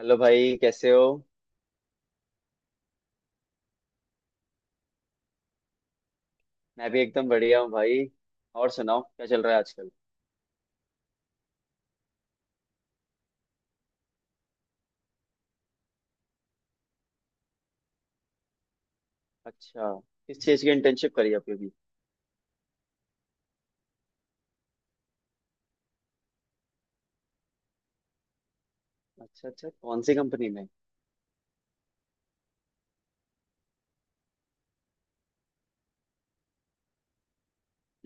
Hello भाई, कैसे हो। मैं भी एकदम बढ़िया हूँ भाई। और सुनाओ, क्या चल रहा है आजकल। अच्छा। किस चीज़ की इंटर्नशिप करी आपने अभी। अच्छा अच्छा, कौन सी कंपनी में।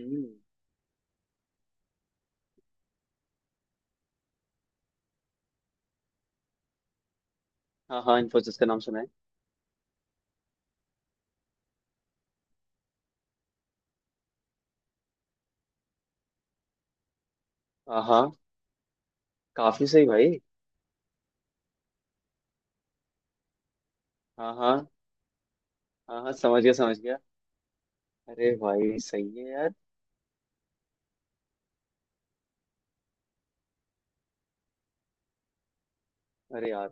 हम्म। हाँ हाँ, इन्फोसिस का नाम सुना है। हाँ हाँ। काफी सही भाई। हाँ हाँ। हाँ हाँ, समझ गया समझ गया। अरे भाई, सही है यार। अरे यार।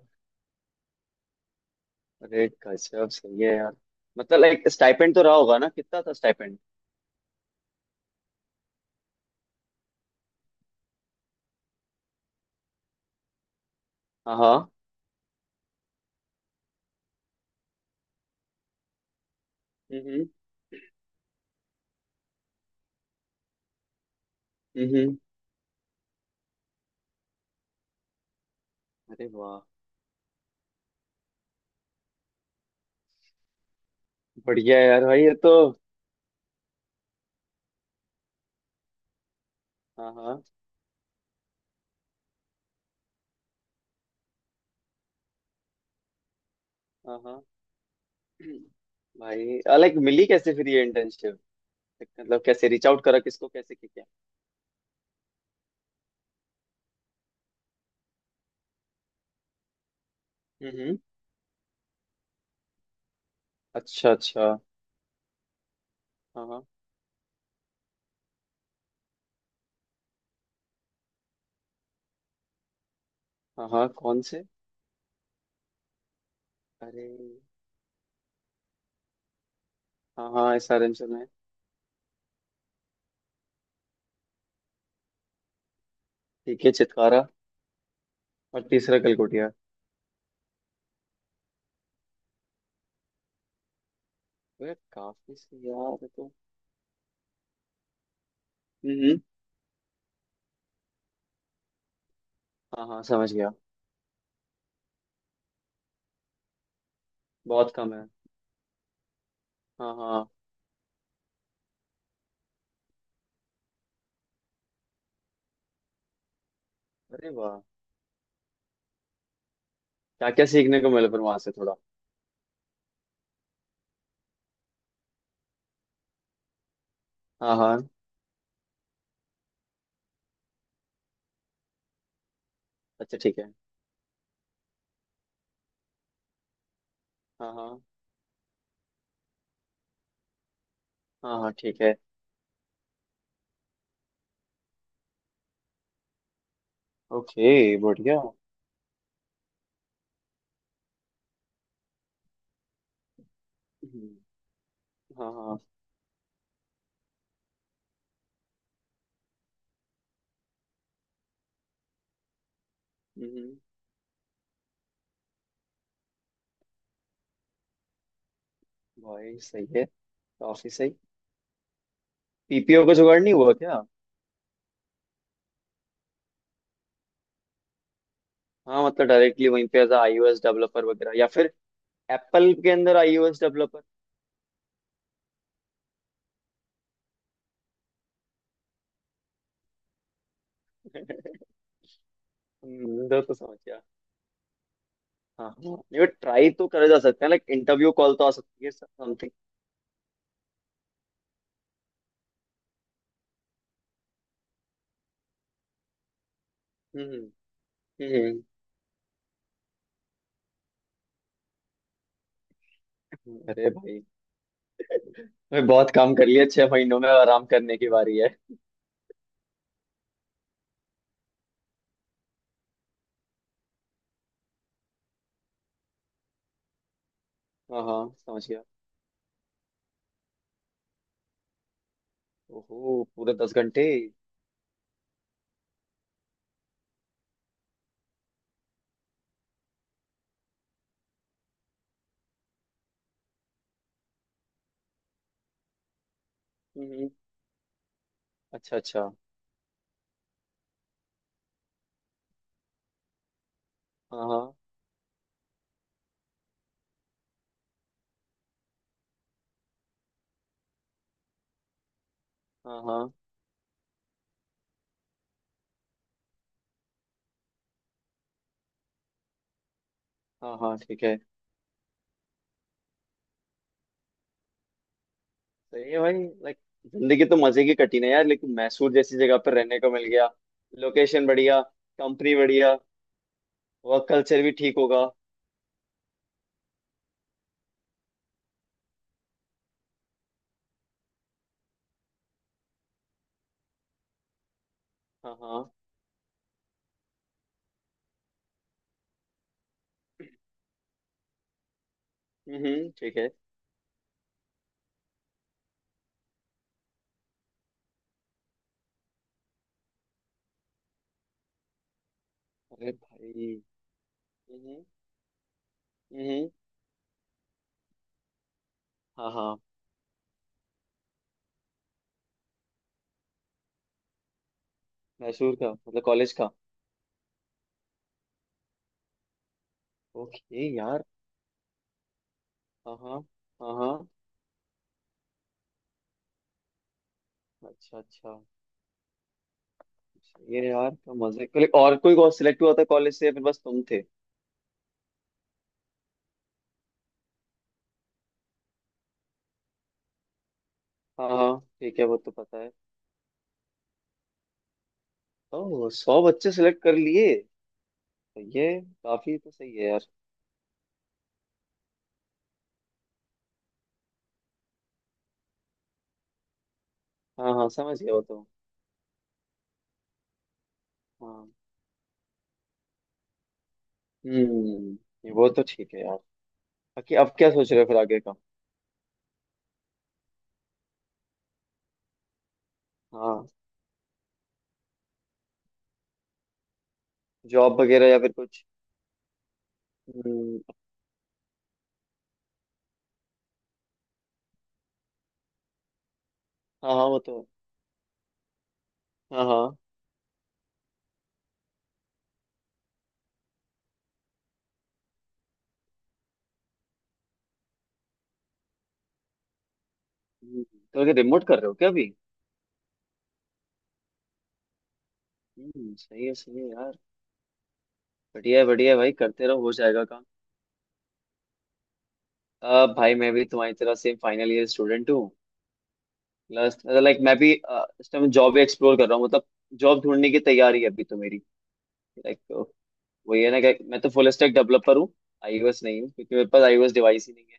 अरे गजब सही है यार। मतलब लाइक स्टाइपेंड तो रहा होगा ना, कितना था स्टाइपेंड। हाँ हाँ। हम्म। हम्म, हम्म। अरे वाह। बढ़िया है यार भाई ये तो। हाँ हाँ। हाँ हाँ। भाई लाइक, मिली कैसे फिर ये इंटर्नशिप। मतलब कैसे रीच आउट करा, किसको कैसे किया। हम्म। अच्छा अच्छा। हाँ हाँ। हाँ हाँ, कौन से। अरे। हाँ हाँ, SRM से में। ठीक है चितकारा। और तीसरा कलकोटिया। तो यार काफी से यार, ये तो। हम्म। हाँ हाँ, समझ गया। बहुत कम है। हाँ हाँ। अरे वाह। क्या क्या सीखने को मिला फिर वहां से थोड़ा। हाँ हाँ। अच्छा ठीक है। हाँ हाँ। हाँ हाँ ठीक है। ओके बढ़िया। हम्म। हाँ हाँ। हम्म। भाई सही है। काफी सही। PPO का जुगाड़ नहीं हुआ क्या। हाँ मतलब डायरेक्टली वहीं पे एज iOS डेवलपर वगैरह, या फिर। एप्पल के अंदर iOS डेवलपर। अंदर तो समझ गया। हाँ हाँ। नहीं ट्राई तो करा जा सकता है, लाइक इंटरव्यू कॉल तो आ सकती है समथिंग। हम्म। हम्म। अरे भाई। मैं बहुत काम कर लिया, 6 महीनों में आराम करने की बारी है। हाँ हाँ, समझ गया। ओहो, पूरे 10 घंटे। हम्म। अच्छा अच्छा। हाँ हाँ हाँ। हाँ हाँ हाँ ठीक है। सही है भाई। लाइक। जिंदगी तो मजे की कटी है यार, लेकिन मैसूर जैसी जगह पर रहने को मिल गया। लोकेशन बढ़िया। कंपनी बढ़िया। वर्क कल्चर भी ठीक होगा। हाँ हाँ। ठीक है। अरे भाई। हम्म। हम्म। हाँ हाँ। मैसूर का मतलब कॉलेज का। ओके यार। हाँ हाँ। हाँ हाँ। अच्छा अच्छा। सही है यार, तो मजे के लिए और कोई और सिलेक्ट हुआ था कॉलेज से या फिर बस तुम थे। हाँ हाँ। ठीक है, वो तो पता है। तो 100 बच्चे सिलेक्ट कर लिए। सही है, काफी तो सही है यार। हाँ हाँ, समझ गया वो तो। हाँ। हम्म। ये वो तो ठीक है यार। बाकी अब क्या सोच रहे हो फिर आगे का। हाँ। जॉब वगैरह या फिर कुछ। हम्म। हाँ हाँ वो तो है। हाँ हाँ। हम्म, तो अगर रिमोट कर रहे हो क्या अभी। हम्म, सही है यार। बढ़िया है भाई, करते रहो, हो जाएगा काम। अब भाई, मैं भी तुम्हारी तरह सेम फाइनल ईयर स्टूडेंट हूँ। प्लस लाइक मैं भी इस टाइम जॉब एक्सप्लोर कर रहा हूँ मतलब। जॉब ढूंढने की तैयारी है अभी तो मेरी। लाइक। वही है ना कि मैं तो फुल स्टैक डेवलपर हूँ। iOS नहीं हूँ, क्योंकि मेरे पास iOS डिवाइस ही नहीं है।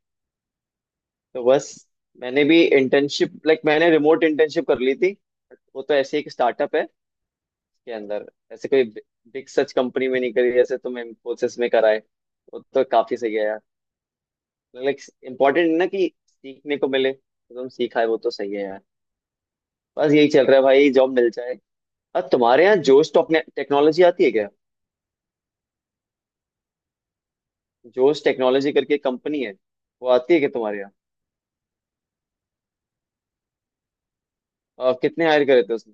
तो बस। मैंने भी इंटर्नशिप, लाइक मैंने रिमोट इंटर्नशिप कर ली थी। वो तो ऐसे ही एक स्टार्टअप है। उसके अंदर। ऐसे कोई। बिग सच कंपनी में नहीं करी जैसे तुम इन्फोसिस में कराए। वो तो काफी सही है यार। लाइक। इम्पोर्टेंट है ना कि सीखने को मिले, तो तुम सीखा है वो तो सही है यार। बस यही चल रहा है भाई, जॉब मिल जाए। अब तुम्हारे यहाँ जोश। टेक्नोलॉजी आती है क्या। जोश टेक्नोलॉजी करके कंपनी है। वो आती है क्या तुम्हारे यहाँ। और कितने हायर करे थे उसने।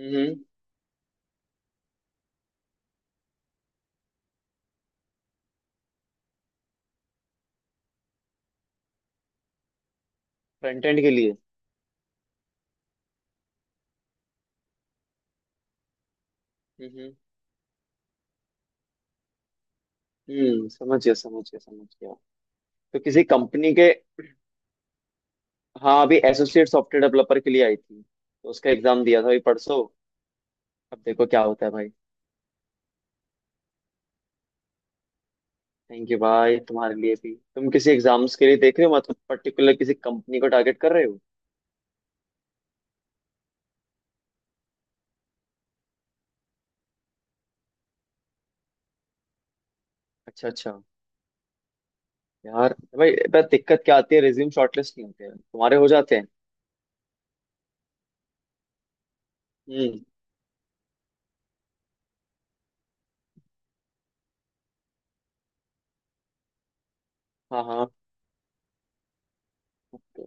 हम्म। फ्रंट एंड के लिए। हम्म। हम्म, समझ गया समझ गया समझ गया। तो किसी कंपनी के। हाँ, अभी एसोसिएट सॉफ्टवेयर डेवलपर के लिए आई थी, तो उसका एग्जाम दिया था अभी परसों। अब देखो क्या होता है भाई। थैंक यू भाई। तुम्हारे लिए भी, तुम किसी एग्जाम्स के लिए देख रहे हो मतलब? पर्टिकुलर किसी कंपनी को टारगेट कर रहे हो? अच्छा अच्छा। यार भाई, पर दिक्कत क्या आती है, रिज्यूम शॉर्टलिस्ट नहीं होते हैं तुम्हारे, हो जाते हैं। हम्म। हाँ हाँ। ओके।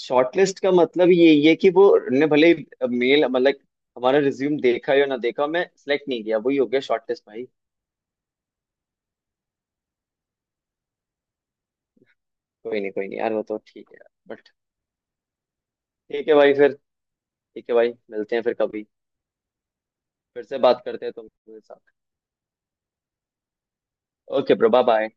शॉर्टलिस्ट का मतलब यही है कि वो। ने भले। मेल मतलब। हमारा रिज्यूम देखा या ना देखा, मैं सिलेक्ट नहीं किया, वही हो गया शॉर्टलिस्ट भाई। कोई नहीं यार, वो तो ठीक है। बट। ठीक है भाई फिर। ठीक है भाई, मिलते हैं फिर कभी। फिर से बात करते हैं तुम मेरे साथ। Okay bro, bye bye.